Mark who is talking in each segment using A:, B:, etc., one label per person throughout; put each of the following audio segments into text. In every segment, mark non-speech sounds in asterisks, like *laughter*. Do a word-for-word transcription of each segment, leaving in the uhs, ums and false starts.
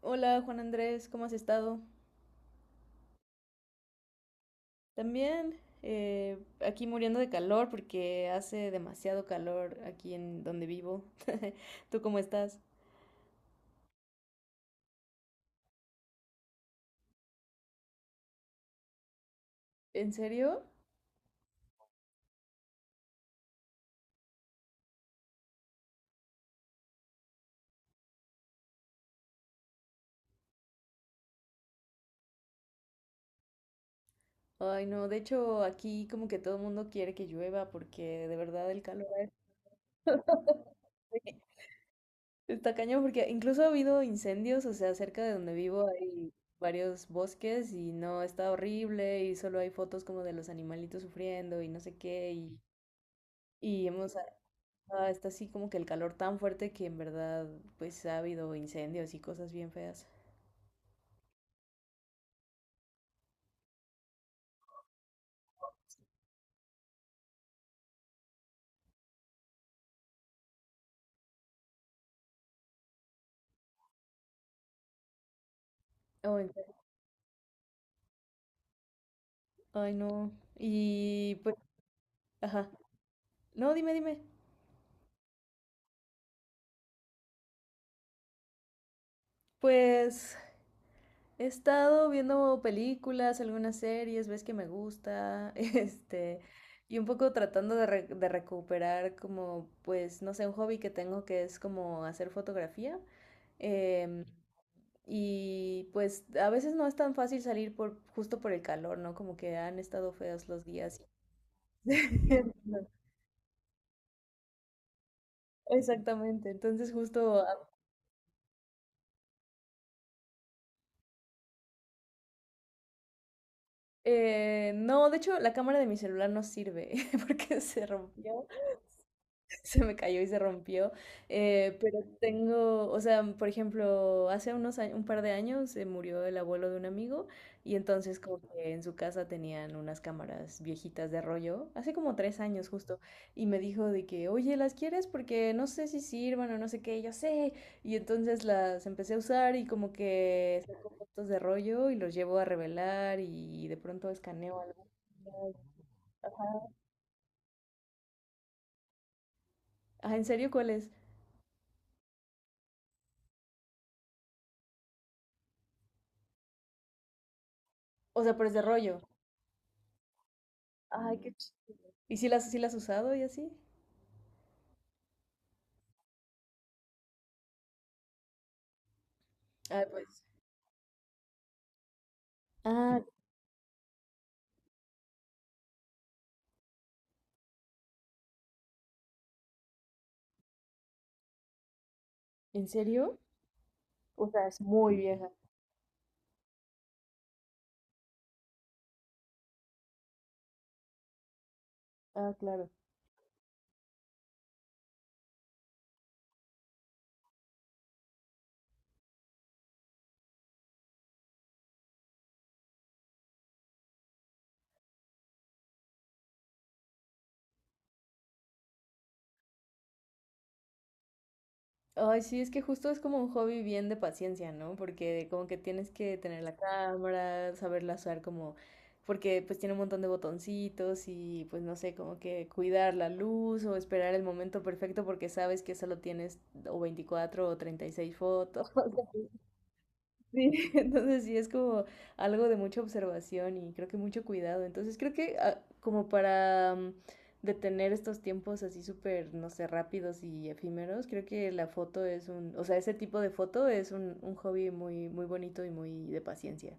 A: Hola Juan Andrés, ¿cómo has estado? También eh, aquí muriendo de calor porque hace demasiado calor aquí en donde vivo. *laughs* ¿Tú cómo estás? ¿En serio? Ay, no, de hecho aquí como que todo el mundo quiere que llueva porque de verdad el calor es... *laughs* Está cañón porque incluso ha habido incendios, o sea, cerca de donde vivo hay varios bosques y no, está horrible y solo hay fotos como de los animalitos sufriendo y no sé qué y, y hemos... Ah, está así como que el calor tan fuerte que en verdad pues ha habido incendios y cosas bien feas. Oh, en serio. Ay, no. Y pues, ajá. No, dime, dime. Pues he estado viendo películas, algunas series, ves que me gusta, *laughs* este, y un poco tratando de, re- de recuperar como, pues, no sé, un hobby que tengo que es como hacer fotografía. Em, Y pues a veces no es tan fácil salir por justo por el calor, ¿no? Como que han estado feos los días. *laughs* Exactamente. Entonces justo, ah, eh, no, de hecho la cámara de mi celular no sirve *laughs* porque se rompió. *laughs* Se me cayó y se rompió. Eh, pero tengo, o sea, por ejemplo, hace unos años, un par de años se murió el abuelo de un amigo y entonces como que en su casa tenían unas cámaras viejitas de rollo, hace como tres años justo, y me dijo de que, oye, ¿las quieres? Porque no sé si sirvan o no sé qué, y yo sé. Y entonces las empecé a usar y como que saco fotos de rollo y los llevo a revelar y de pronto escaneo algo. Ah, ¿en serio, cuál es? O sea, pero es de rollo. Ay, qué... ¿Y si las, si las has usado y así? Ah, pues. Ah, ¿en serio? O sea, es muy vieja. Ah, claro. Ay, sí, es que justo es como un hobby bien de paciencia, ¿no? Porque como que tienes que tener la cámara, saberla usar como, porque pues tiene un montón de botoncitos y pues no sé, como que cuidar la luz o esperar el momento perfecto porque sabes que solo tienes o veinticuatro o treinta y seis fotos. Sí, *laughs* entonces sí es como algo de mucha observación y creo que mucho cuidado. Entonces creo que ah, como para mm, detener estos tiempos así súper, no sé, rápidos y efímeros, creo que la foto es un, o sea, ese tipo de foto es un, un hobby muy, muy bonito y muy de paciencia.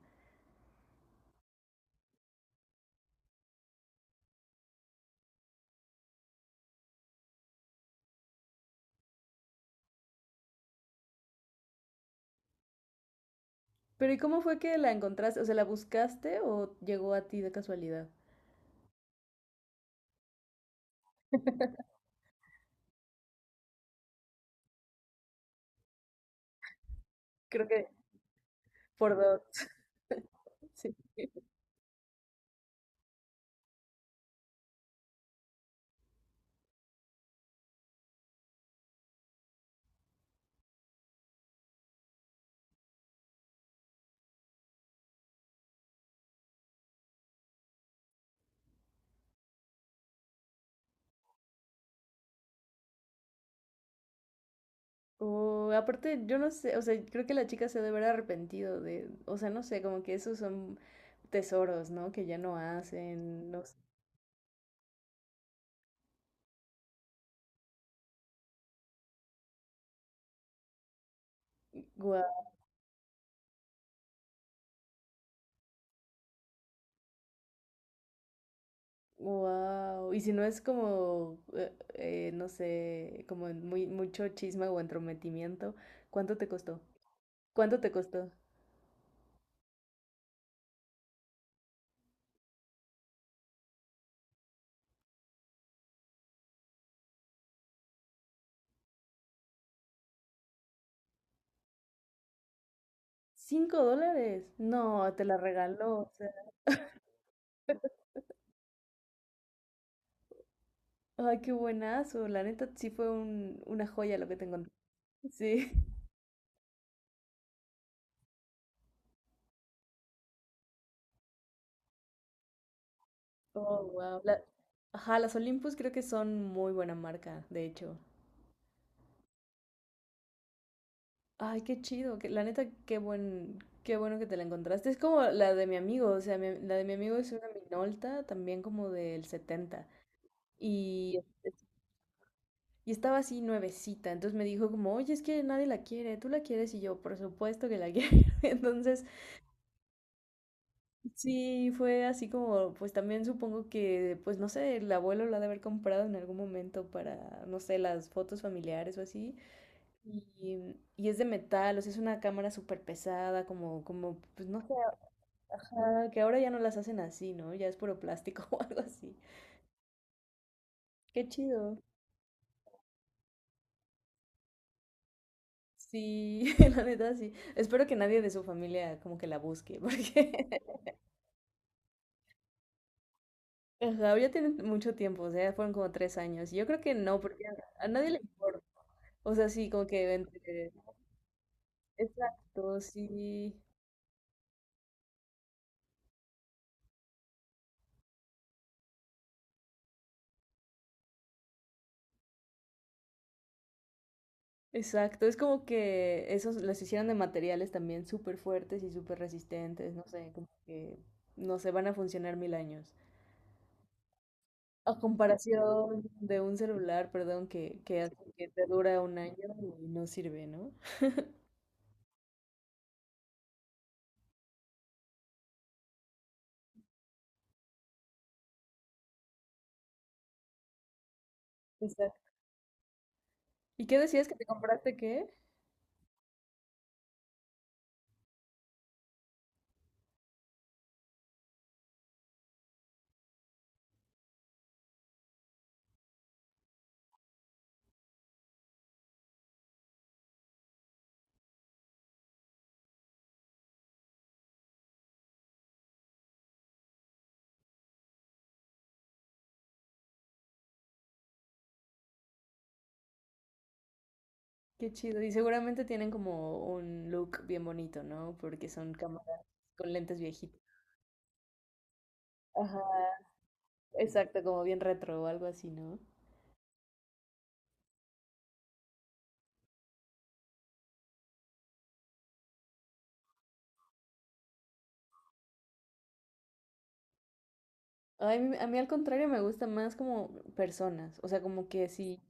A: Pero ¿y cómo fue que la encontraste? O sea, ¿la buscaste o llegó a ti de casualidad? Creo que por dos. *laughs* Sí. O aparte, yo no sé, o sea, creo que la chica se debe haber arrepentido de, o sea, no sé, como que esos son tesoros, ¿no? Que ya no hacen, no sé, guau, guau. Y si no es como, eh, eh, no sé, como muy, mucho chisme o entrometimiento, ¿cuánto te costó? ¿Cuánto te costó? ¿Cinco dólares? No, te la regaló, o sea, ay, qué buenazo, la neta sí fue un, una joya lo que te encontré. Sí. Oh, wow. La- Ajá, las Olympus creo que son muy buena marca, de hecho. Ay, qué chido, que, la neta, qué buen, qué bueno que te la encontraste. Es como la de mi amigo, o sea, mi- la de mi amigo es una Minolta, también como del setenta. Y, y estaba así nuevecita, entonces me dijo como, oye, es que nadie la quiere, ¿tú la quieres? Y yo, por supuesto que la quiero. *laughs* Entonces, sí, fue así como, pues también supongo que, pues no sé, el abuelo la ha de haber comprado en algún momento para, no sé, las fotos familiares o así. Y, y es de metal, o sea, es una cámara súper pesada, como, como, pues no sé, ajá, que ahora ya no las hacen así, ¿no? Ya es puro plástico *laughs* o algo así. Qué chido. Sí, *laughs* la neta sí. Espero que nadie de su familia como que la busque, porque... *laughs* ajá, ya tienen mucho tiempo, o sea, fueron como tres años. Y yo creo que no, porque a a nadie le importa. O sea, sí, como que entre... Exacto, sí. Exacto, es como que esos los hicieron de materiales también súper fuertes y súper resistentes, no sé, como que no sé, van a funcionar mil años. A comparación de un celular, perdón, que, que, hace que te dura un año y no sirve, ¿no? Exacto. ¿Y qué decías que te compraste qué? Qué chido. Y seguramente tienen como un look bien bonito, ¿no? Porque son cámaras con lentes viejitas. Ajá, exacto, como bien retro o algo así, ¿no? Ay, a mí a mí al contrario me gusta más como personas, o sea, como que si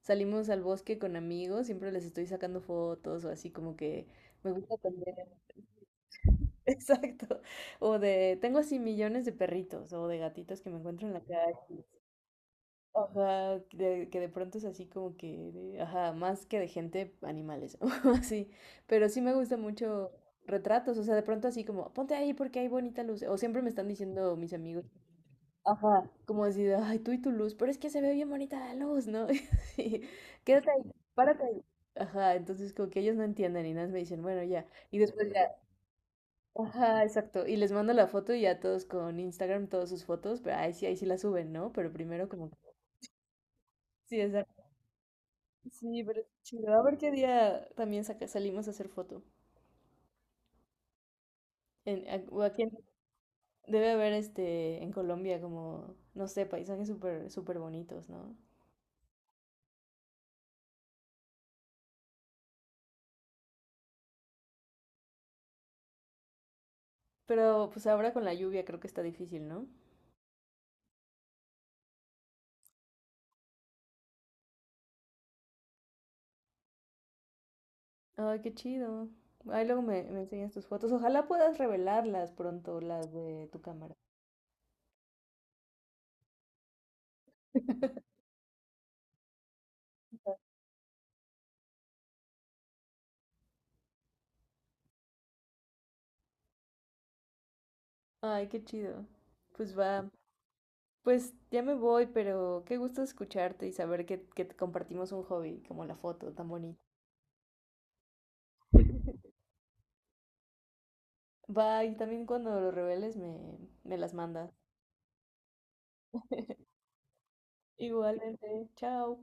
A: salimos al bosque con amigos, siempre les estoy sacando fotos o así como que me gusta aprender. *laughs* Exacto. O de, tengo así millones de perritos o de gatitos que me encuentro en la calle. Ajá, que de- que de pronto es así como que, de- ajá, más que de gente, animales *laughs* o así. Pero sí me gusta mucho retratos, o sea, de pronto así como, ponte ahí porque hay bonita luz. O siempre me están diciendo mis amigos. Ajá, como así ay, tú y tu luz, pero es que se ve bien bonita la luz, ¿no? *laughs* Sí, quédate ahí, párate ahí. Ajá, entonces como que ellos no entienden y nada más me dicen, bueno, ya. Y después ya, ajá, exacto. Y les mando la foto y ya todos con Instagram, todas sus fotos, pero ahí sí, ahí sí la suben, ¿no? Pero primero como que... Sí, exacto. Sí, pero es chido. A ver qué día también saca- salimos a hacer foto. En, a- o aquí en- debe haber este, en Colombia como, no sé, paisajes súper, súper bonitos, ¿no? Pero pues ahora con la lluvia creo que está difícil, ¿no? Ay, qué chido. Ahí luego me, me enseñas tus fotos. Ojalá puedas revelarlas pronto, las de tu cámara. *laughs* Ay, qué chido. Pues va. Pues ya me voy, pero qué gusto escucharte y saber que, que te compartimos un hobby como la foto, tan bonita. *laughs* Va, y también cuando lo reveles me, me las mandas. *laughs* Igualmente. Chao.